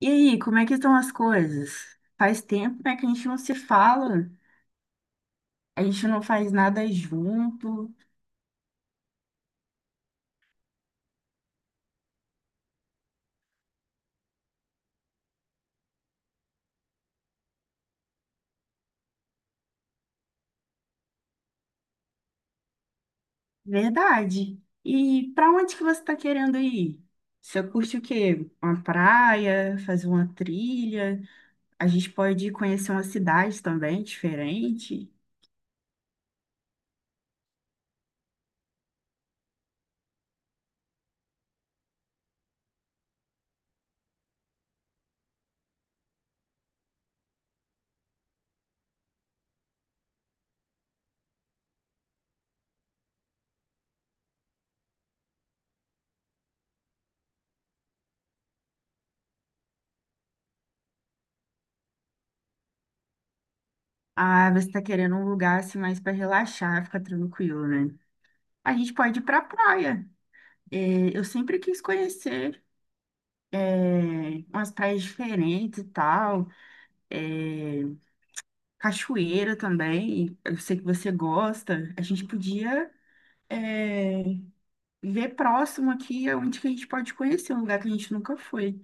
E aí, como é que estão as coisas? Faz tempo, né, que a gente não se fala, a gente não faz nada junto. Verdade. E para onde que você está querendo ir? Você curte o quê? Uma praia, fazer uma trilha? A gente pode ir conhecer uma cidade também diferente. Ah, você está querendo um lugar assim mais para relaxar, ficar tranquilo, né? A gente pode ir para praia. É, eu sempre quis conhecer umas praias diferentes e tal. É, cachoeira também. Eu sei que você gosta. A gente podia, é, ver próximo aqui onde que a gente pode conhecer um lugar que a gente nunca foi.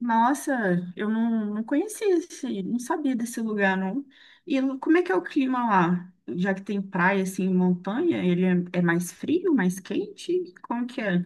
Nossa, eu não conhecia esse, não sabia desse lugar, não. Como é que é o clima lá? Já que tem praia, assim, montanha, é mais frio, mais quente? Como que é?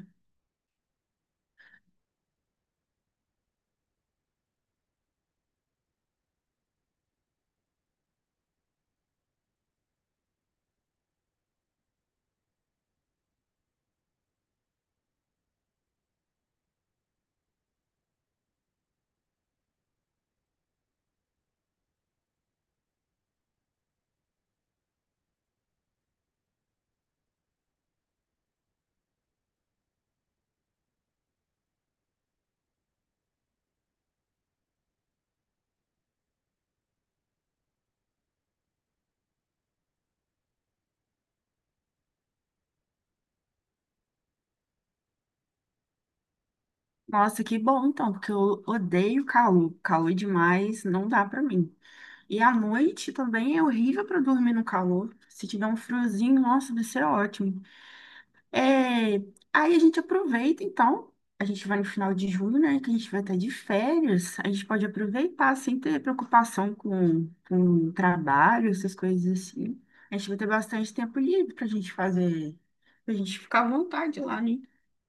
Nossa, que bom, então, porque eu odeio calor. Calor demais, não dá pra mim. E à noite também é horrível para dormir no calor. Se tiver um friozinho, nossa, vai ser ótimo. É, Aí a gente aproveita, então. A gente vai no final de julho, né? Que a gente vai estar de férias. A gente pode aproveitar sem ter preocupação com trabalho, essas coisas assim. A gente vai ter bastante tempo livre para a gente fazer, para a gente ficar à vontade lá, né?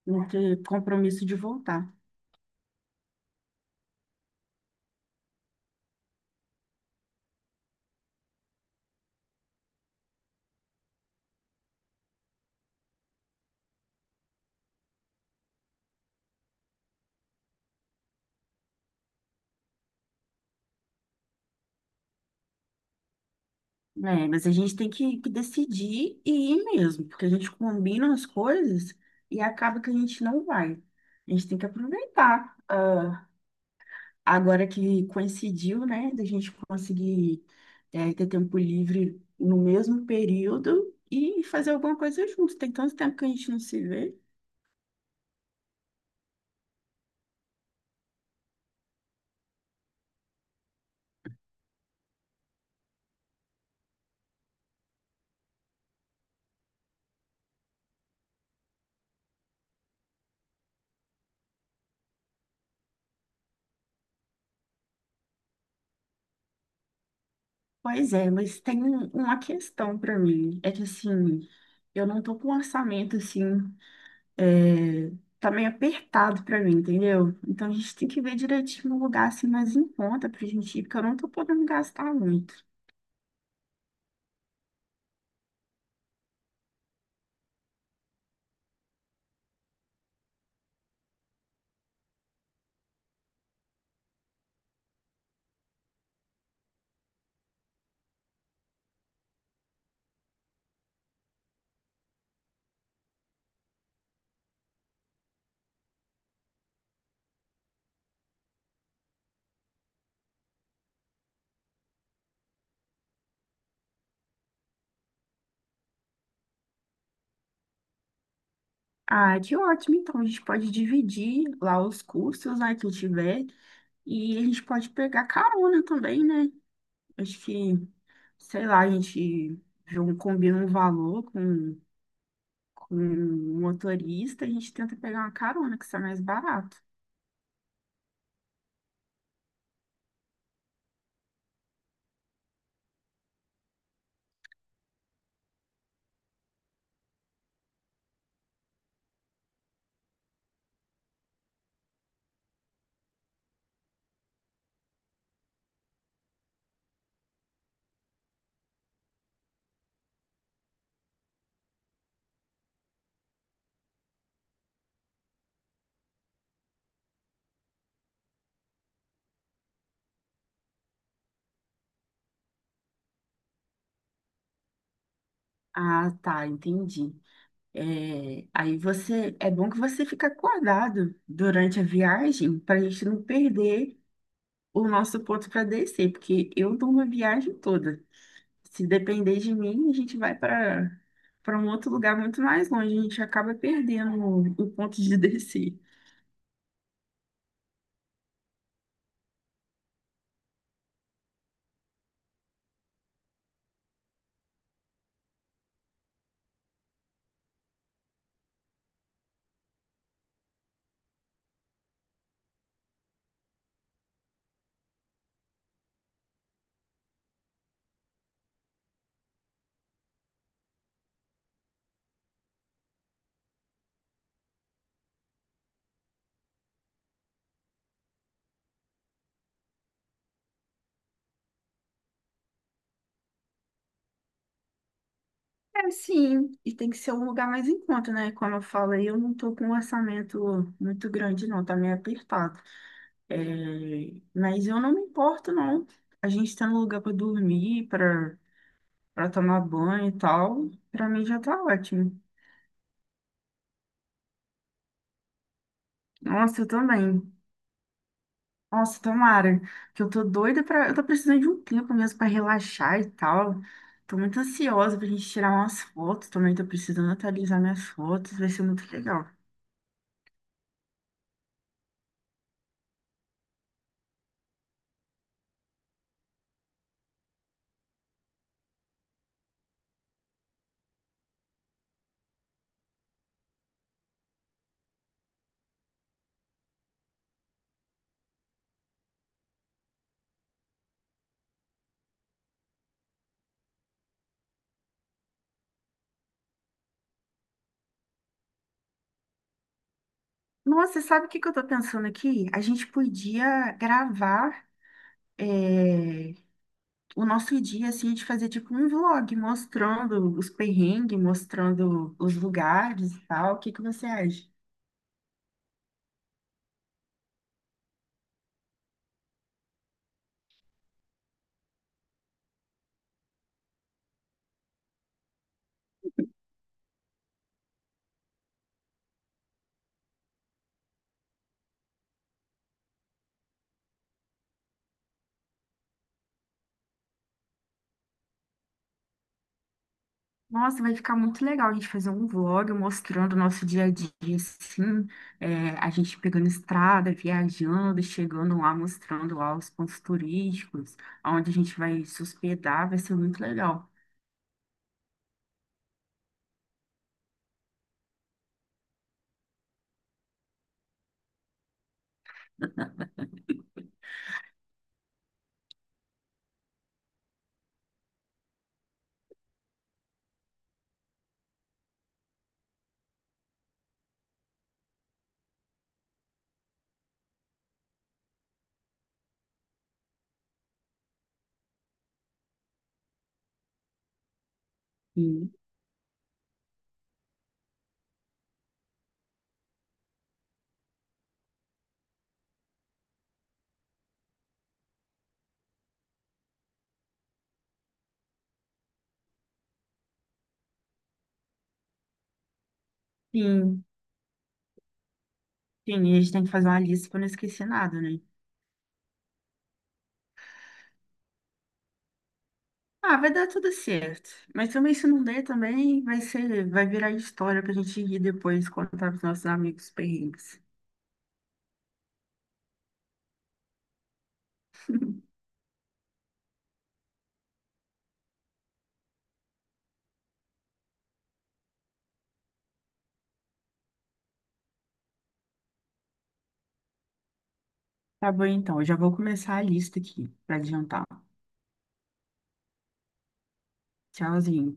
Não ter compromisso de voltar. É, mas a gente tem que decidir e ir mesmo, porque a gente combina as coisas e acaba que a gente não vai. A gente tem que aproveitar. Agora que coincidiu, né, da gente conseguir ter tempo livre no mesmo período e fazer alguma coisa junto. Tem tanto tempo que a gente não se vê. Pois é, mas tem uma questão para mim. É que assim, eu não tô com um orçamento assim. é, tá meio apertado pra mim, entendeu? Então a gente tem que ver direitinho um lugar assim mais em conta pra gente ir, porque eu não tô podendo gastar muito. Ah, que ótimo, então a gente pode dividir lá os custos, né, que tiver, e a gente pode pegar carona também, né? Acho que, sei lá, a gente combina um valor com o motorista, a gente tenta pegar uma carona que sai mais barato. Ah, tá, entendi. É, aí você, é bom que você fica acordado durante a viagem para a gente não perder o nosso ponto para descer, porque eu durmo a viagem toda. Se depender de mim, a gente vai para um outro lugar muito mais longe, a gente acaba perdendo o ponto de descer. É, sim, e tem que ser um lugar mais em conta, né? Como eu falo, aí, eu não estou com um orçamento muito grande, não, tá meio apertado. É, mas eu não me importo, não. A gente está no lugar para dormir, para tomar banho e tal, para mim já tá ótimo. Nossa, eu também. Nossa, tomara, que eu tô doida para, eu tô precisando de um tempo mesmo para relaxar e tal. Tô muito ansiosa pra gente tirar umas fotos, também tô precisando atualizar minhas fotos, vai ser muito legal. Nossa, sabe o que que eu tô pensando aqui? A gente podia gravar é, o nosso dia, assim, de fazer tipo um vlog mostrando os perrengues, mostrando os lugares e tal. O que que você acha? Nossa, vai ficar muito legal a gente fazer um vlog mostrando o nosso dia a dia, assim, a gente pegando estrada, viajando, chegando lá, mostrando lá os pontos turísticos, onde a gente vai se hospedar, vai ser muito legal. E, sim, sim, e a gente tem que fazer uma lista para não esquecer nada, né? Ah, vai dar tudo certo. Mas também se não der, também vai ser, vai virar história para a gente ir depois contar para os nossos amigos perrengues. Tá bom, então, eu já vou começar a lista aqui para adiantar. Tchauzinho.